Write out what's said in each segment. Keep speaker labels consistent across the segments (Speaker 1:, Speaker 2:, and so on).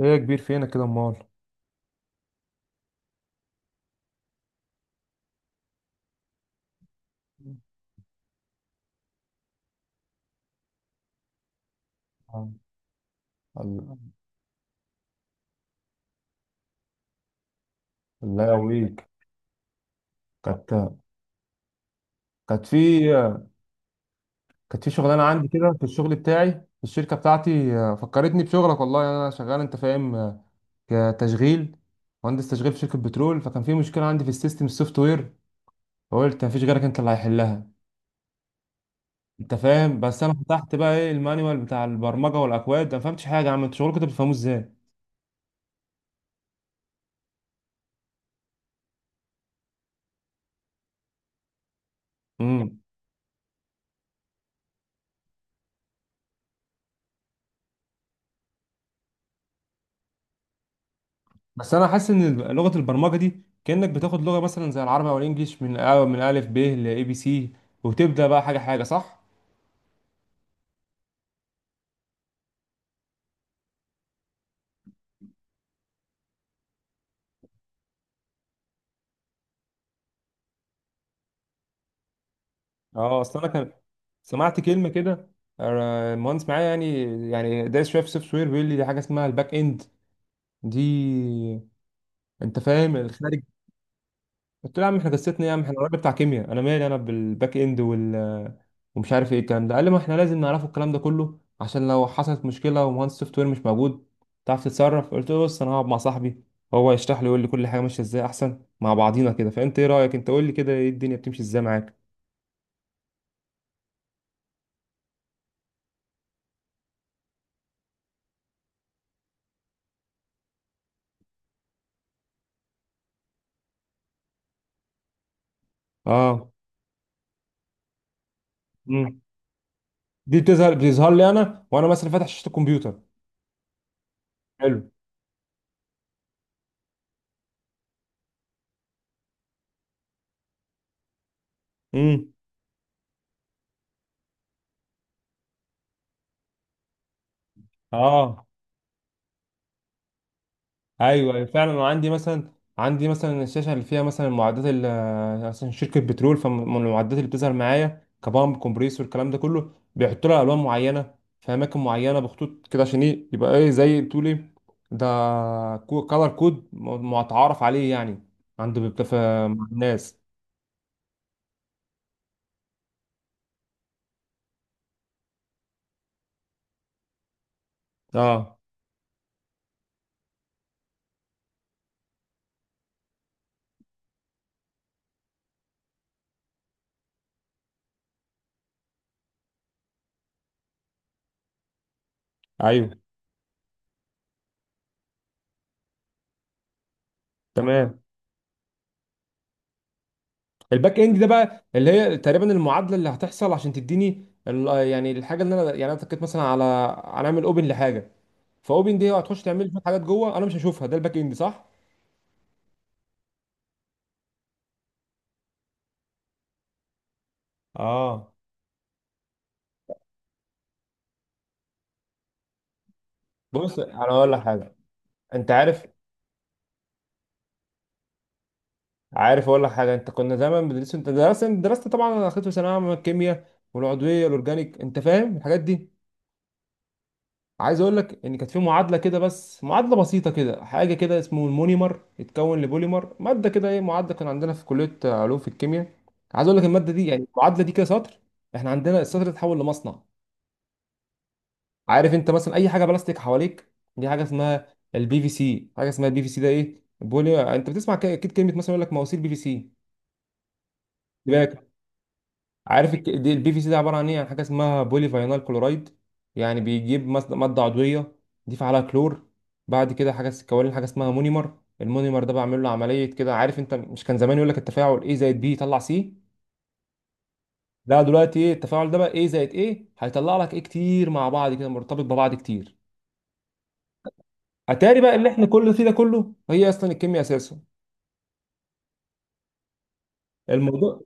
Speaker 1: ايه يا كبير، فينك كده امال؟ آه. آه. الله، يعني يقويك. كانت كانت في كانت في شغلانه عندي كده في الشغل بتاعي في الشركه بتاعتي، فكرتني بشغلك. والله انا شغال، انت فاهم؟ كتشغيل، مهندس تشغيل في شركه بترول، فكان في مشكله عندي في السيستم، السوفت وير، فقلت مفيش غيرك انت اللي هيحلها. انت فاهم؟ بس انا فتحت بقى ايه المانيوال بتاع البرمجه والاكواد، أنا ما فهمتش حاجه. يا عم انتوا شغلكم ده بتفهموه ازاي؟ امم. بس انا حاسس ان لغه البرمجه دي كانك بتاخد لغه مثلا زي العربي او الانجليش، من الف ب لاي بي سي وتبدا بقى حاجه حاجه، صح؟ اه، اصل انا سمعت كلمه كده، مهندس معايا يعني، يعني دايس شويه في السوفت وير، بيقول لي دي حاجه اسمها الباك اند. دي، انت فاهم، الخارج. قلت له يا عم احنا قصتنا ايه؟ يا عم احنا الراجل بتاع كيمياء، انا مالي انا بالباك اند وال ومش عارف ايه الكلام ده. قال لي ما احنا لازم نعرفه الكلام ده كله، عشان لو حصلت مشكله ومهندس سوفت وير مش موجود تعرف تتصرف. قلت له بص، انا هقعد مع صاحبي، هو هيشرح لي ويقول لي كل حاجه ماشيه ازاي احسن مع بعضينا كده. فانت ايه رايك؟ انت قول لي كده ايه الدنيا بتمشي ازاي معاك. اه. امم. دي بتظهر لي انا، وانا مثلا فاتح شاشه الكمبيوتر. حلو. امم. اه ايوه، أيوة، فعلا. انا عندي مثلا، عندي مثلا الشاشه اللي فيها مثلا المعدات اللي، مثلا شركه بترول، فمن المعدات اللي بتظهر معايا كبامب، كومبريسور، الكلام ده كله بيحطوا لها الوان معينه في اماكن معينه بخطوط كده، عشان ايه يبقى ايه زي بتقول ايه، ده كولر كود متعارف عليه يعني مع الناس. اه ايوه تمام. الباك اند ده بقى اللي هي تقريبا المعادله اللي هتحصل عشان تديني ال- يعني الحاجه اللي انا، يعني انا اتكيت مثلا على، هنعمل اوبن لحاجه، فاوبن دي هتخش تعمل لي شويه حاجات جوه انا مش هشوفها، ده الباك اند، صح؟ اه. بص انا اقول لك حاجه، انت عارف، عارف اقول لك حاجه؟ انت كنا زمان بندرس، انت درست طبعا. انا اخدت في ثانويه عامه الكيمياء والعضويه والاورجانيك، انت فاهم الحاجات دي. عايز اقول لك ان كانت في معادله كده، بس معادله بسيطه كده، حاجه كده اسمه المونيمر يتكون لبوليمر ماده كده، ايه معادله كان عندنا في كليه علوم في الكيمياء. عايز اقول لك الماده دي، يعني المعادله دي كده سطر، احنا عندنا السطر ده اتحول لمصنع. عارف انت مثلا اي حاجه بلاستيك حواليك دي حاجه اسمها البي في سي. حاجه اسمها البي في سي ده ايه؟ بولي، انت بتسمع اكيد كلمه مثلا يقول لك مواسير بي في سي؟ بالك، عارف دي البي في سي ده عباره عن ايه؟ عن حاجه اسمها بولي فاينال كلورايد. يعني بيجيب ماده عضويه، دي فعلها كلور، بعد كده حاجه كوالين، حاجه اسمها مونيمر، المونيمر ده بعمل له عمليه كده. عارف انت مش كان زمان يقول لك التفاعل ايه زائد بي يطلع سي؟ لا دلوقتي ايه التفاعل ده بقى، ايه زائد ايه هيطلع لك ايه كتير مع بعض كده، مرتبط ببعض كتير. اتاري بقى اللي احنا كل فيه ده كله هي اصلا الكيمياء اساسه الموضوع.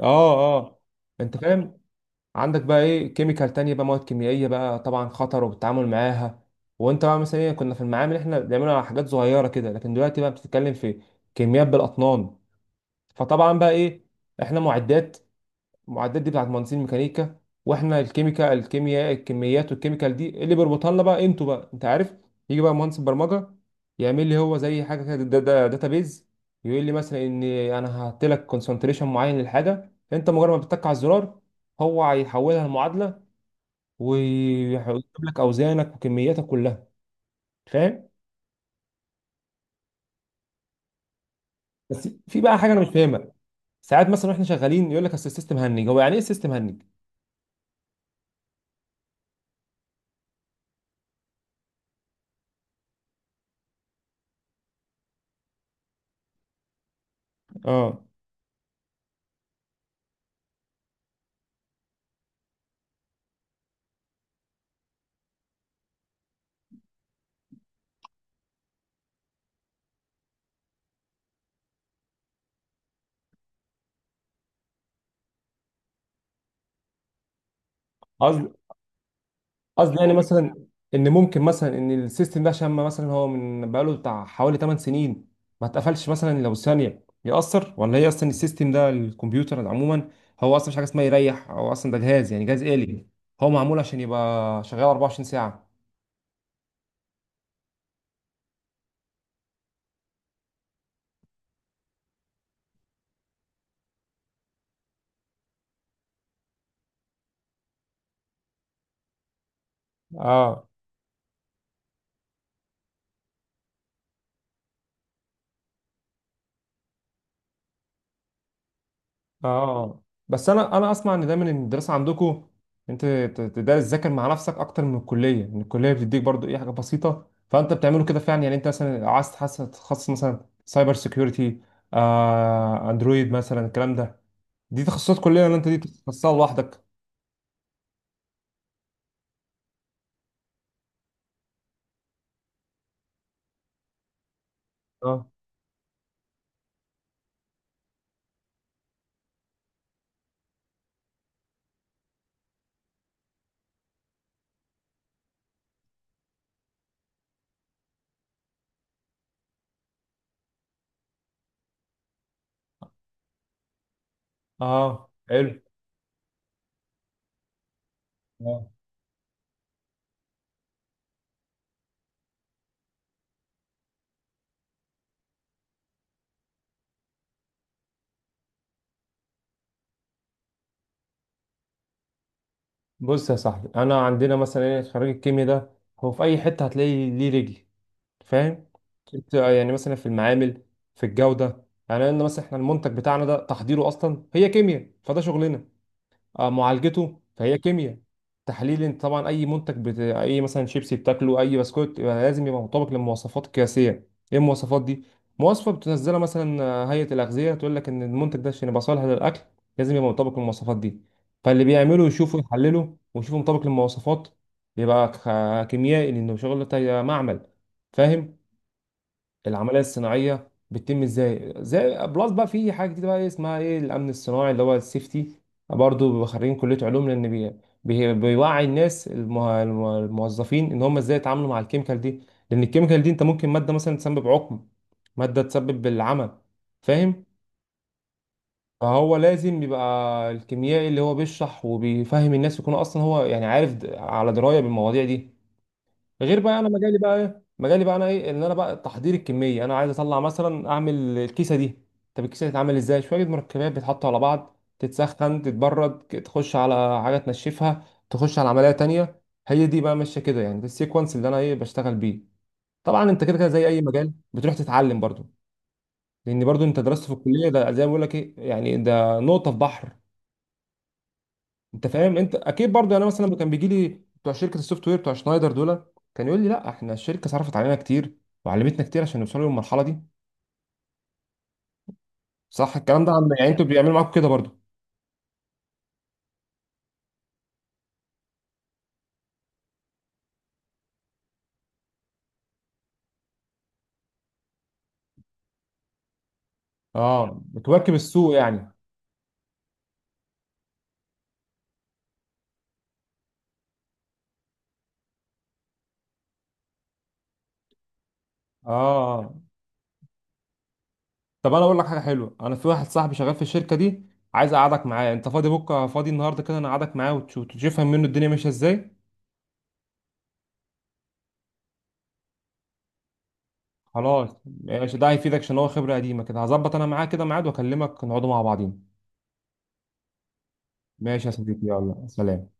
Speaker 1: اه اه. انت فاهم، عندك بقى ايه كيميكال تانية بقى، مواد كيميائيه بقى طبعا خطر والتعامل معاها. وانت بقى مثلا إيه، كنا في المعامل احنا بنعملها على حاجات صغيره كده، لكن دلوقتي بقى بتتكلم في كميات بالاطنان. فطبعا بقى ايه، احنا معدات، المعدات دي بتاعت مهندسين الميكانيكا، واحنا الكيميكا، الكيمياء، الكميات والكيميكال دي اللي بيربطها لنا بقى انتوا بقى، انت عارف، يجي بقى مهندس البرمجه يعمل لي هو زي حاجه كده، دا داتابيز، يقول لي مثلا ان انا هحط لك كونسنتريشن معين للحاجه، انت مجرد ما بتتك على الزرار هو هيحولها لمعادله ويجيب لك اوزانك وكمياتك كلها. فاهم؟ بس في بقى حاجه انا مش فاهمها، ساعات مثلا واحنا شغالين يقول لك اصل السيستم هنج، هو يعني ايه السيستم هنج؟ اه، قصدي يعني مثلا ان ممكن مثلا ان السيستم ده، عشان ما مثلا هو من بقاله بتاع حوالي 8 سنين ما اتقفلش، مثلا لو ثانيه يأثر؟ ولا هي اصلا السيستم ده، الكمبيوتر عموما هو اصلا مش حاجه اسمها يريح، هو اصلا ده جهاز، يعني جهاز آلي، هو معمول عشان يبقى شغال 24 ساعه. اه اه. بس انا اسمع ان دايما ان الدراسه عندكم انت تدرس تذاكر مع نفسك اكتر من الكليه، ان الكليه بتديك برضو ايه حاجه بسيطه، فانت بتعمله كده فعلا؟ يعني انت مثلا عايز تتخصص مثلا سايبر سيكيورتي، اندرويد مثلا الكلام ده، دي تخصصات كليه ولا انت دي تخصصها لوحدك؟ اه اه حلو. آه. بص يا صاحبي، انا عندنا مثلا ايه، خريج الكيمياء ده هو في اي حته هتلاقي ليه رجل. فاهم؟ انت يعني مثلا في المعامل، في الجوده، يعني لان مثلا احنا المنتج بتاعنا ده تحضيره اصلا هي كيمياء، فده شغلنا، معالجته فهي كيمياء، تحليل، انت طبعا اي اي مثلا شيبسي بتاكله، اي بسكوت، يبقى لازم يبقى مطابق للمواصفات القياسيه. ايه المواصفات دي؟ مواصفه بتنزلها مثلا، هيئه الاغذيه، تقول لك ان المنتج ده عشان يبقى صالح للاكل لازم يبقى مطابق للمواصفات دي. فاللي بيعمله يشوفه، يحلله، ويشوفه مطابق للمواصفات، يبقى كيميائي، لانه شغل بتاع معمل. فاهم؟ العمليه الصناعيه بتتم ازاي زي بلس بقى، في حاجه جديده بقى اسمها ايه، الامن الصناعي اللي هو السيفتي، برضه بيبقوا خارجين كليه علوم، لان بيوعي الناس الموظفين ان هم ازاي يتعاملوا مع الكيميكال دي. لان الكيميكال دي، انت ممكن ماده مثلا تسبب عقم، ماده تسبب بالعمى. فاهم؟ فهو لازم يبقى الكيميائي اللي هو بيشرح وبيفهم الناس يكون اصلا هو يعني عارف، على درايه بالمواضيع دي. غير بقى انا مجالي بقى ايه، مجالي بقى انا ايه، ان انا بقى تحضير الكميه، انا عايز اطلع مثلا اعمل الكيسه دي. طب الكيسه دي تتعمل ازاي؟ شويه مركبات بيتحطوا على بعض، تتسخن، تتبرد، تخش على حاجه تنشفها، تخش على عمليه تانية. هي دي بقى ماشيه كده يعني، ده السيكونس اللي انا ايه بشتغل بيه. طبعا انت كده كده زي اي مجال بتروح تتعلم برضو، لان برضو انت درست في الكليه ده زي ما بقول لك ايه يعني، ده نقطه في بحر. انت فاهم، انت اكيد برضه يعني، انا مثلا كان بيجي لي بتوع شركه السوفت وير بتوع شنايدر دول كان يقول لي لا احنا الشركه صرفت علينا كتير وعلمتنا كتير عشان نوصلوا للمرحله دي. صح الكلام ده؟ عن يعني انتوا بيعملوا معاكم كده برضه؟ اه بتواكب السوق يعني. اه. آه. طب انا اقول لك حاجه حلوه، انا في واحد صاحبي شغال في الشركه دي، عايز اقعدك معاه. انت فاضي بكره، فاضي النهارده كده، انا اقعدك معاه وتشوف تفهم منه الدنيا ماشيه ازاي. خلاص ماشي، ده هيفيدك عشان هو خبره قديمه كده، هظبط انا معاه كده ميعاد واكلمك نقعدوا مع بعضين. ماشي يا صديقي، يلا سلام.